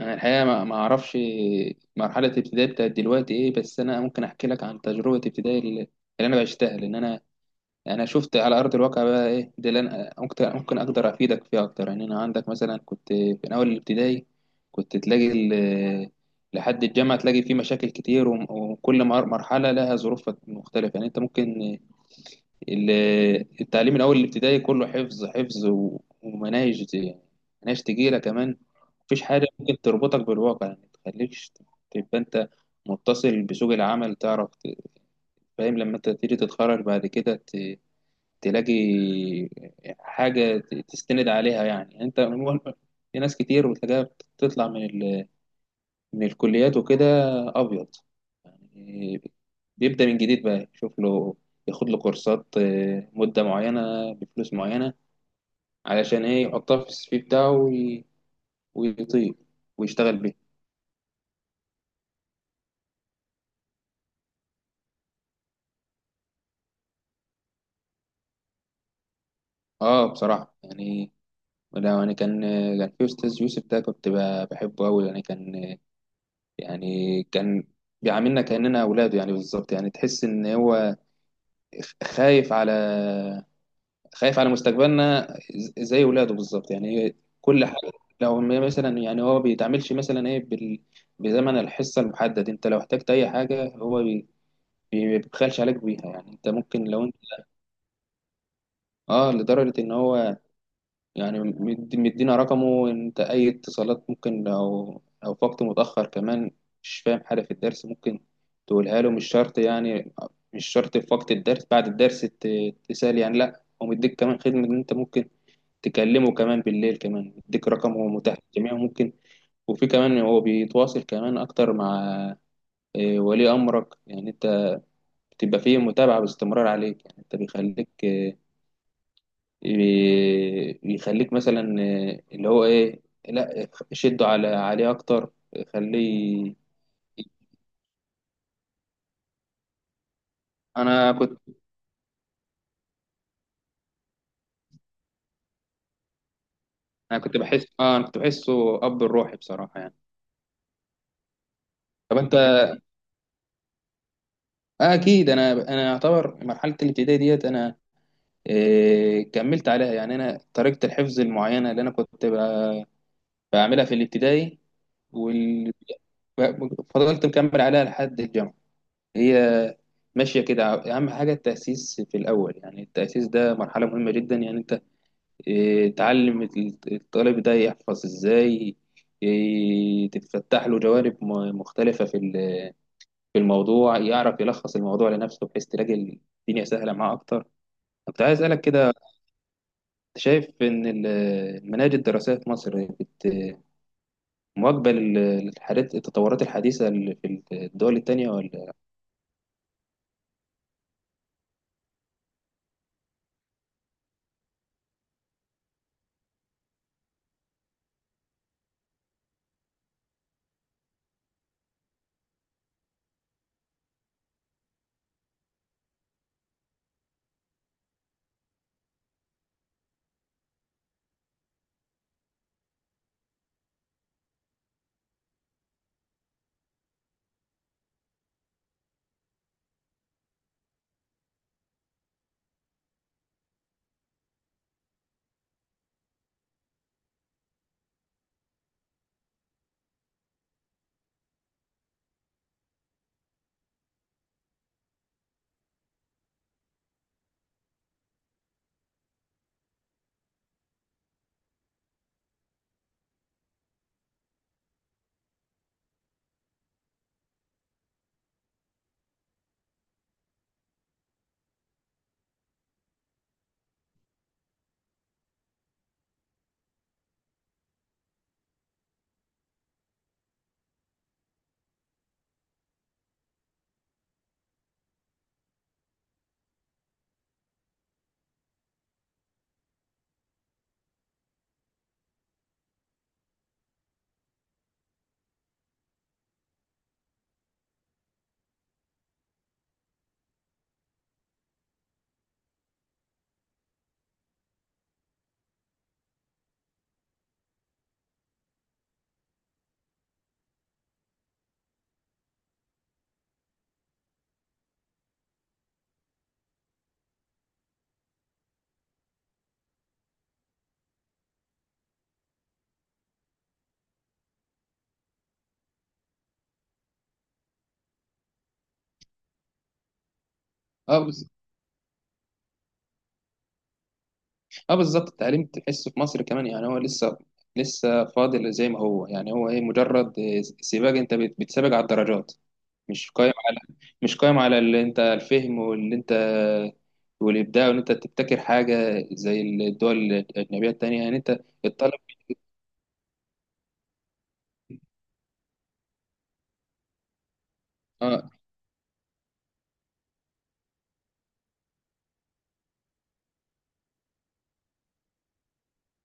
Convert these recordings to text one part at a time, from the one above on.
أنا الحقيقة ما أعرفش مرحلة ابتدائي بتاعت دلوقتي إيه، بس أنا ممكن أحكي لك عن تجربة ابتدائي اللي أنا بعشتها، لأن أنا شفت على أرض الواقع بقى إيه ده اللي أنا ممكن أقدر أفيدك فيها أكتر. يعني أنا عندك مثلا كنت في أول الابتدائي، كنت تلاقي لحد الجامعة تلاقي فيه مشاكل كتير، وكل مرحلة لها ظروف مختلفة. يعني أنت ممكن ال- التعليم من اول الابتدائي كله حفظ حفظ ومناهج، يعني مناهج تقيله كمان. مفيش حاجه ممكن تربطك بالواقع، يعني تخليكش تبقى انت متصل بسوق العمل، تعرف فاهم لما انت تيجي تتخرج بعد كده تلاقي حاجه تستند عليها. يعني يعني انت في ناس كتير بتلاقيها بتطلع من من الكليات وكده ابيض يعني. بيبدا من جديد بقى يشوف له، ياخد له كورسات مده معينه بفلوس معينه، علشان ايه يحطها في السي في بتاعه ويطير ويشتغل بيها. اه بصراحة يعني ولا يعني كان في استاذ يوسف ده كنت بحبه قوي. يعني كان يعني كان بيعاملنا كأننا اولاده، يعني بالظبط يعني تحس ان هو خايف على خايف على مستقبلنا، زي ولاده بالظبط. يعني كل حاجة، لو مثلا يعني هو بيتعاملش مثلا ايه بزمن الحصة المحدد، انت لو احتجت اي حاجة هو بيبخلش عليك بيها. يعني انت ممكن لو اه، لدرجة ان هو يعني مدينا رقمه، انت اي اتصالات ممكن لو في وقت متأخر كمان مش فاهم حاجة في الدرس ممكن تقولها له. مش شرط يعني، مش شرط في وقت الدرس، بعد الدرس تسأل. يعني لا، هو مديك كمان خدمة ان انت ممكن تكلمه كمان بالليل، كمان مديك رقمه متاح للجميع ممكن. وفي كمان هو بيتواصل كمان اكتر مع ولي امرك. يعني انت بتبقى فيه متابعة باستمرار عليك، يعني انت بيخليك يخليك مثلا اللي هو ايه لا شده على عليه اكتر خليه. انا كنت انا كنت بحس اه، انا كنت بحسه اب الروحي بصراحه يعني. طب انت آه اكيد، انا انا يعتبر مرحله الابتدائي ديت انا آه كملت عليها. يعني انا طريقه الحفظ المعينه اللي انا كنت بعملها في الابتدائي وال... فضلت مكمل عليها لحد الجامعه. هي ماشية كده. أهم حاجة التأسيس في الأول، يعني التأسيس ده مرحلة مهمة جدا. يعني أنت إيه، تعلم الطالب ده يحفظ إزاي، إيه، تتفتح له جوانب مختلفة في في الموضوع، يعرف يلخص الموضوع لنفسه، بحيث تلاقي الدنيا سهلة معاه أكتر. كنت عايز أسألك كده، أنت شايف إن المناهج الدراسية في مصر مواكبة للحاجات التطورات الحديثة اللي في الدول التانية ولا؟ اه، اه بالظبط، التعليم تحسه في مصر كمان يعني هو لسه فاضل زي ما هو. يعني هو ايه، مجرد إيه سباق، انت بتسابق على الدرجات، مش قايم على مش قايم على اللي انت الفهم واللي انت والابداع وان انت تبتكر حاجه زي الدول الاجنبيه التانيه. يعني انت الطالب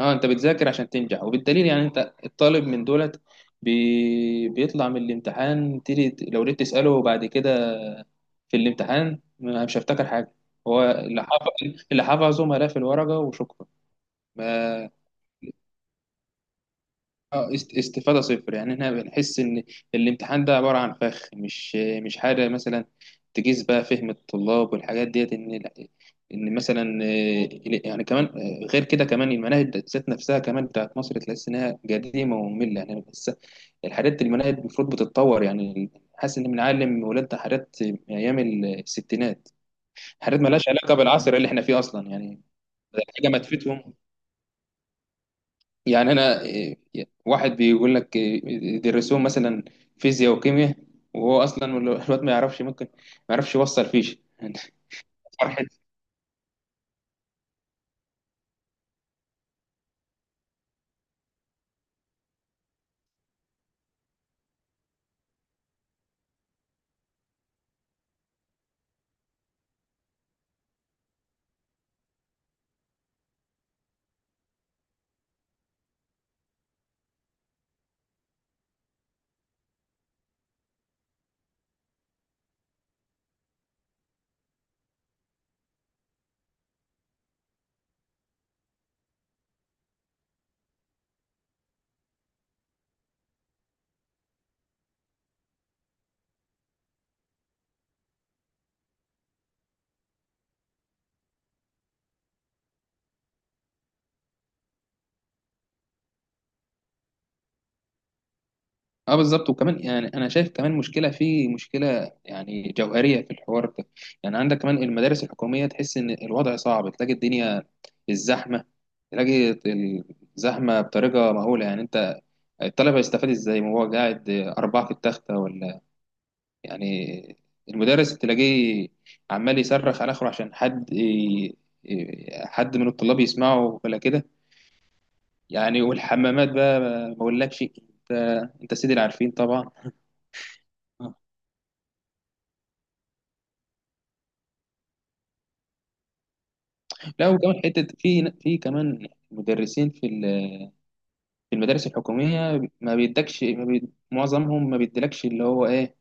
اه، انت بتذاكر عشان تنجح، وبالدليل يعني انت الطالب من دولت بيطلع من الامتحان، تيجي لو جيت تسأله بعد كده في الامتحان مش هفتكر حاجة، هو اللي حافظ، اللي حافظه ملف الورقة وشكرا ما. اه، استفادة صفر. يعني احنا بنحس ان الامتحان ده عبارة عن فخ، مش حاجة مثلا تقيس بقى فهم الطلاب والحاجات ديت. ان ان مثلا آه، يعني كمان آه، غير كده كمان المناهج ذات نفسها كمان بتاعت مصر تحس انها قديمة ومملة يعني. بس الحاجات المناهج المفروض بتتطور يعني، حاسس ان بنعلم ولادنا حاجات من ايام الستينات، حاجات مالهاش علاقة بالعصر اللي احنا فيه اصلا. يعني حاجة ما تفيدهم. يعني انا إيه، واحد بيقول لك إيه، يدرسوهم مثلا فيزياء وكيمياء، وهو اصلا الواد ما يعرفش، ممكن ما يعرفش يوصل فيش فرحة. اه بالظبط، وكمان يعني انا شايف كمان مشكله في مشكله يعني جوهريه في الحوار ده. يعني عندك كمان المدارس الحكوميه تحس ان الوضع صعب، تلاقي الدنيا الزحمه، تلاقي الزحمه بطريقه مهوله. يعني انت الطالب هيستفاد ازاي، ما هو قاعد اربعه في التخته ولا يعني، المدرس تلاقيه عمال يصرخ على اخره عشان حد حد من الطلاب يسمعه ولا كده. يعني والحمامات بقى ما اقولكش، انت انت سيدي العارفين طبعا. آه. لا وكمان حته في كمان مدرسين في في المدارس الحكوميه ما بيدكش، ما معظمهم ما بيديلكش اللي هو ايه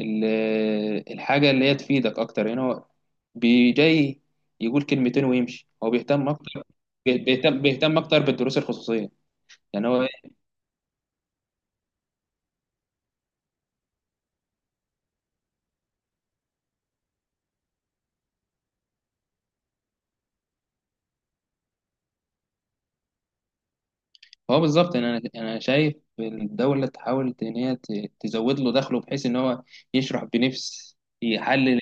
الحاجه اللي هي تفيدك اكتر. يعني هو جاي يقول كلمتين ويمشي، هو بيهتم اكتر، بيهتم اكتر بالدروس الخصوصيه. يعني هو إيه؟ هو بالظبط. يعني انا شايف الدوله تحاول ان هي تزود له دخله بحيث ان هو يشرح بنفس، يحلل،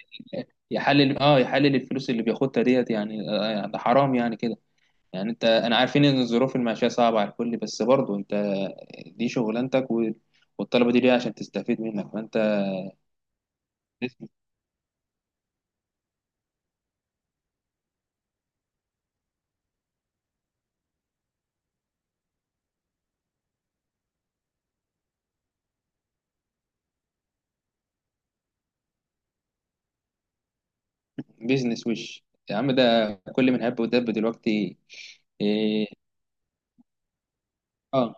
يحلل الفلوس اللي بياخدها ديت. يعني آه، ده حرام يعني كده. يعني انت انا عارفين ان الظروف المعيشيه صعبه على الكل، بس برضه انت دي شغلانتك والطلبه دي ليه عشان تستفيد منك فانت. بيزنس وش يا عم ده، كل من هب ودب دلوقتي إيه، اه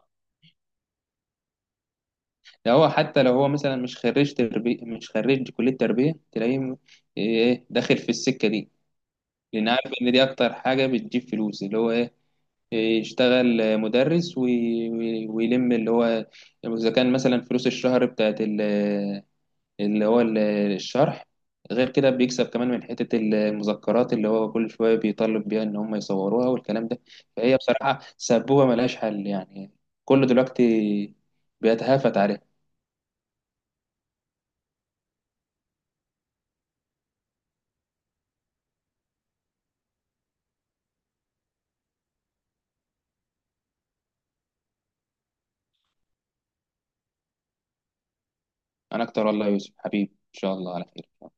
ده. هو حتى لو هو مثلا مش خريج تربية، مش خريج كلية تربية تلاقيه إيه داخل في السكة دي، لأن عارف إن دي أكتر حاجة بتجيب فلوس اللي هو إيه إيه، يشتغل مدرس ويلم اللي هو، إذا كان مثلا فلوس الشهر بتاعت اللي هو ال- الشرح، غير كده بيكسب كمان من حتة المذكرات اللي هو كل شوية بيطالب بيها إن هم يصوروها والكلام ده. فهي بصراحة سبوبة ملهاش حل يعني، كله دلوقتي بيتهافت عليها. انا اكتر والله يا يوسف حبيبي، ان شاء الله على خير.